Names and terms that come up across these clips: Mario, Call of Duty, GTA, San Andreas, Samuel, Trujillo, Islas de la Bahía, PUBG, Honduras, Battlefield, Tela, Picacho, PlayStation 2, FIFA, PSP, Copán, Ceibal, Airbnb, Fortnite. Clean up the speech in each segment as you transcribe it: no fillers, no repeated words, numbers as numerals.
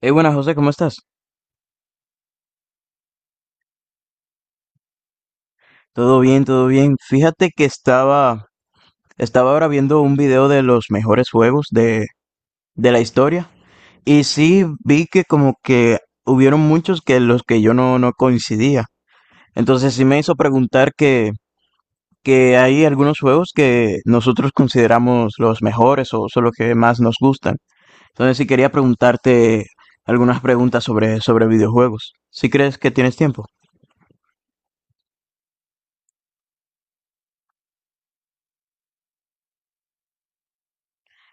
Hey, buenas José, ¿cómo estás? Todo bien, todo bien. Fíjate que estaba ahora viendo un video de los mejores juegos de la historia y sí vi que como que hubieron muchos que los que yo no, no coincidía. Entonces sí me hizo preguntar que hay algunos juegos que nosotros consideramos los mejores o son los que más nos gustan. Entonces sí quería preguntarte algunas preguntas sobre videojuegos. Si crees que tienes tiempo.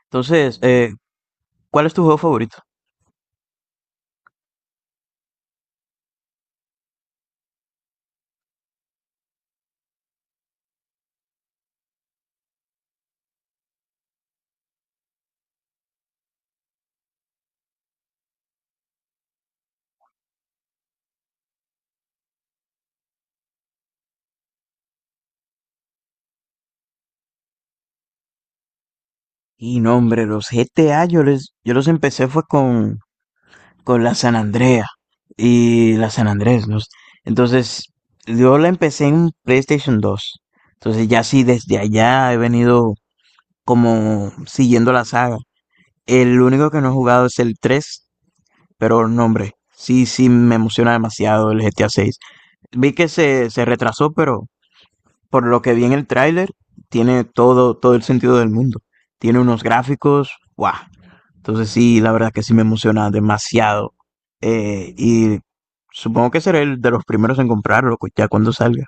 Entonces, ¿cuál es tu juego favorito? Y no, hombre, los GTA yo los empecé fue con la San Andrea y la San Andrés, ¿no? Entonces, yo la empecé en PlayStation 2. Entonces, ya sí, desde allá he venido como siguiendo la saga. El único que no he jugado es el tres, pero no, hombre, sí, sí me emociona demasiado el GTA 6. Vi que se retrasó, pero por lo que vi en el tráiler, tiene todo, todo el sentido del mundo. Tiene unos gráficos, ¡guau! Entonces sí, la verdad que sí me emociona demasiado. Y supongo que seré el de los primeros en comprarlo ya cuando salga.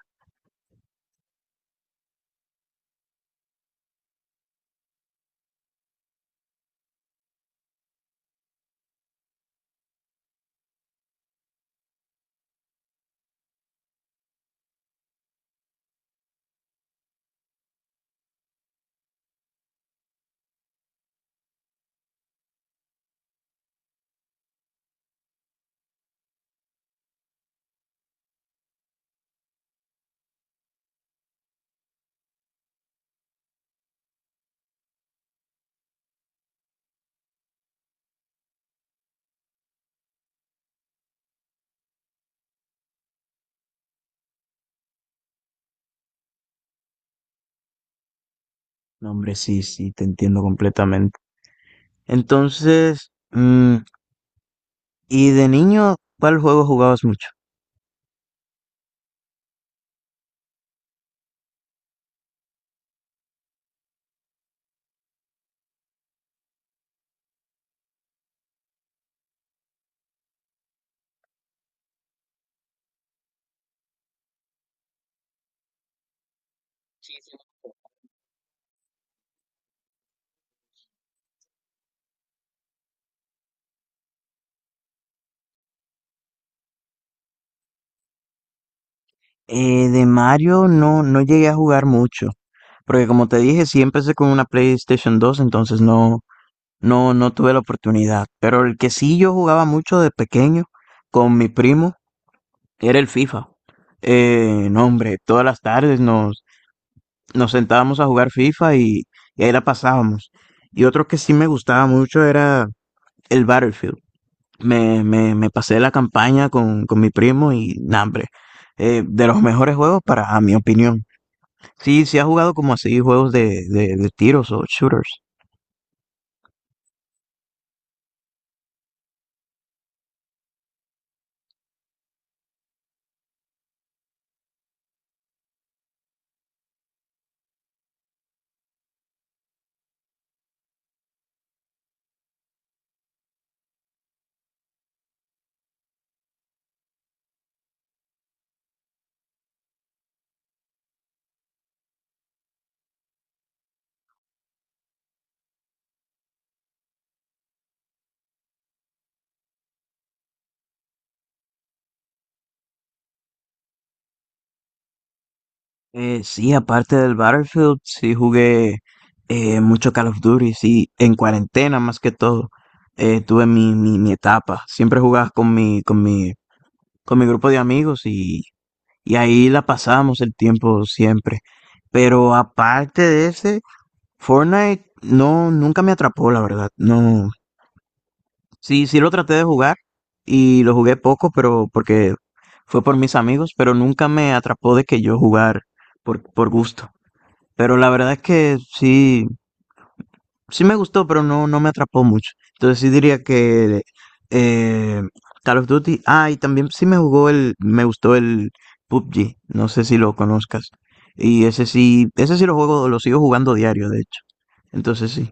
No, hombre, sí, sí, te entiendo completamente. Entonces, ¿y de niño cuál juego jugabas mucho? De Mario no, no llegué a jugar mucho, porque como te dije, sí empecé con una PlayStation 2, entonces no, no, no tuve la oportunidad. Pero el que sí yo jugaba mucho de pequeño con mi primo era el FIFA. No, hombre, todas las tardes nos sentábamos a jugar FIFA y ahí la pasábamos. Y otro que sí me gustaba mucho era el Battlefield. Me pasé la campaña con mi primo y, nah, hombre, de los mejores juegos a mi opinión. Sí, sí ha jugado como así juegos de tiros o shooters. Sí, aparte del Battlefield, sí jugué mucho Call of Duty, sí, en cuarentena más que todo. Tuve mi, mi, mi etapa. Siempre jugaba con mi, con mi, con mi grupo de amigos y ahí la pasábamos el tiempo siempre. Pero aparte de ese, Fortnite no, nunca me atrapó, la verdad. No, sí, sí lo traté de jugar y lo jugué poco, pero porque fue por mis amigos, pero nunca me atrapó de que yo jugar por gusto. Pero la verdad es que sí, sí me gustó, pero no, no me atrapó mucho. Entonces sí diría que eh, Call of Duty. Ah, y también sí me gustó el PUBG. No sé si lo conozcas. Y ese sí lo juego, lo sigo jugando diario, de hecho. Entonces sí.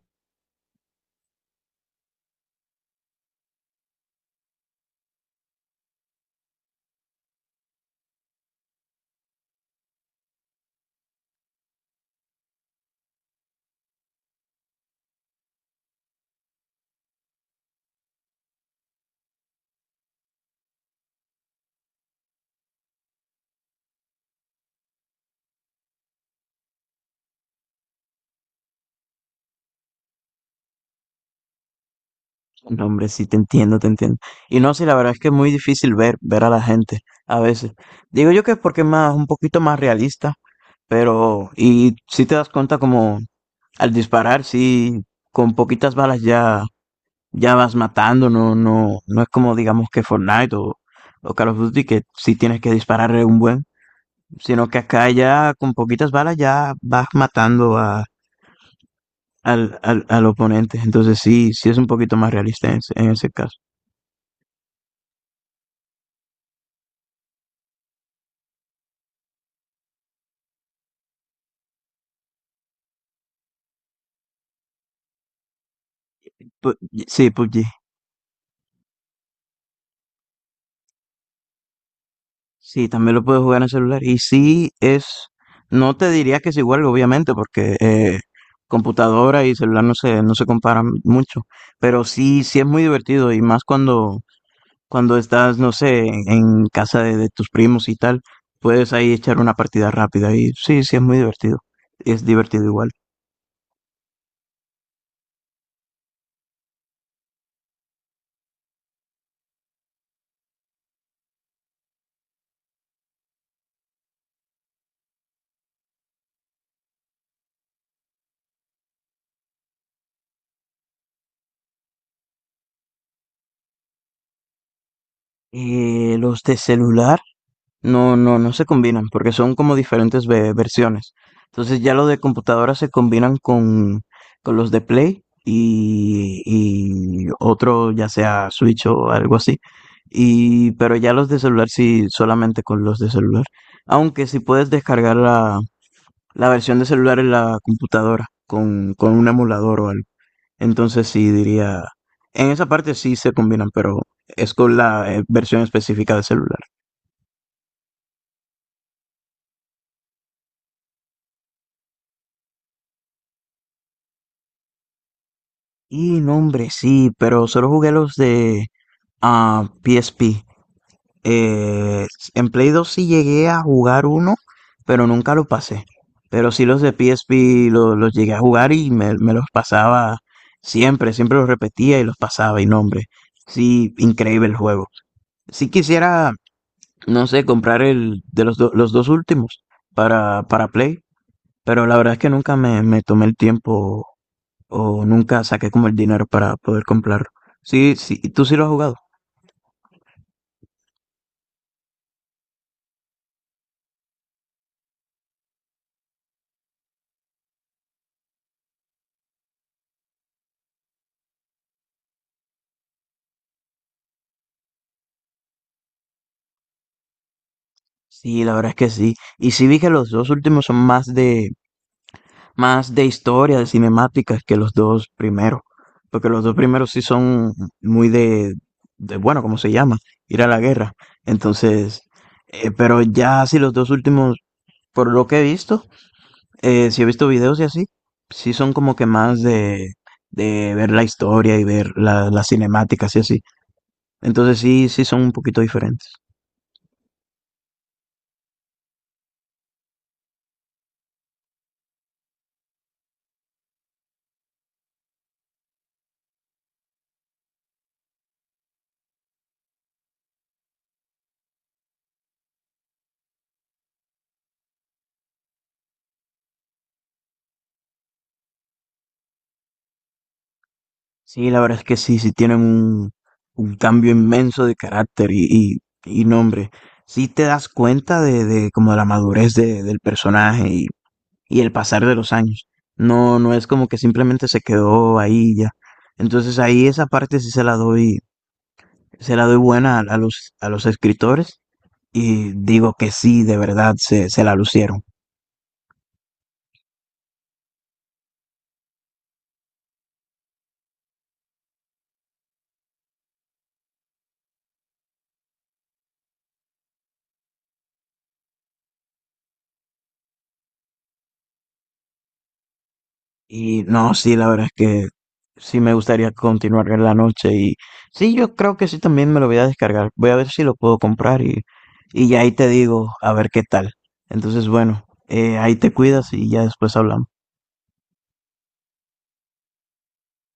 No, hombre, sí te entiendo, te entiendo. Y no, sí, la verdad es que es muy difícil ver a la gente a veces. Digo yo que es porque es un poquito más realista, y si te das cuenta como al disparar, sí, con poquitas balas ya, ya vas matando, no, no, no es como digamos que Fortnite o Call of Duty que sí tienes que disparar un buen, sino que acá ya con poquitas balas ya vas matando al oponente, entonces sí, sí es un poquito más realista en ese caso. Pu- sí, PUBG. Sí, también lo puedes jugar en el celular. Y no te diría que es igual, obviamente, porque computadora y celular no se, no se comparan mucho, pero sí, sí es muy divertido y más cuando estás, no sé, en casa de tus primos y tal, puedes ahí echar una partida rápida y sí, sí es muy divertido. Es divertido igual. Los de celular. No, no, no se combinan porque son como diferentes versiones. Entonces ya los de computadora se combinan con los de Play y otro, ya sea Switch o algo así. Pero ya los de celular sí, solamente con los de celular. Aunque sí puedes descargar la versión de celular en la computadora con un emulador o algo. Entonces sí diría, en esa parte sí se combinan, pero es con la versión específica de celular. Y no, hombre, sí, pero solo jugué los de PSP. Eh, en Play 2 sí llegué a jugar uno, pero nunca lo pasé. Pero sí los de PSP los llegué a jugar y me los pasaba siempre, siempre los repetía y los pasaba. Y no, hombre, sí, increíble el juego. Sí quisiera, no sé, comprar el de los dos últimos para Play, pero la verdad es que nunca me tomé el tiempo o nunca saqué como el dinero para poder comprarlo. Sí, sí, ¿tú sí lo has jugado? Sí, la verdad es que sí. Y sí vi que los dos últimos son más de historia, de cinemáticas que los dos primeros. Porque los dos primeros sí son muy de bueno, ¿cómo se llama? Ir a la guerra. Entonces, pero ya sí los dos últimos, por lo que he visto, si he visto videos y así, sí son como que más de ver la historia y ver las cinemáticas y así. Entonces sí, sí son un poquito diferentes. Sí, la verdad es que sí, sí tienen un cambio inmenso de carácter y, y nombre. Sí te das cuenta de como de la madurez del personaje y el pasar de los años. No, no es como que simplemente se quedó ahí y ya. Entonces ahí esa parte sí se la doy buena a los escritores y digo que sí, de verdad se, se la lucieron. Y no, sí, la verdad es que sí me gustaría continuar en la noche y sí, yo creo que sí también me lo voy a descargar. Voy a ver si lo puedo comprar y ya ahí te digo a ver qué tal. Entonces, bueno, ahí te cuidas y ya después hablamos.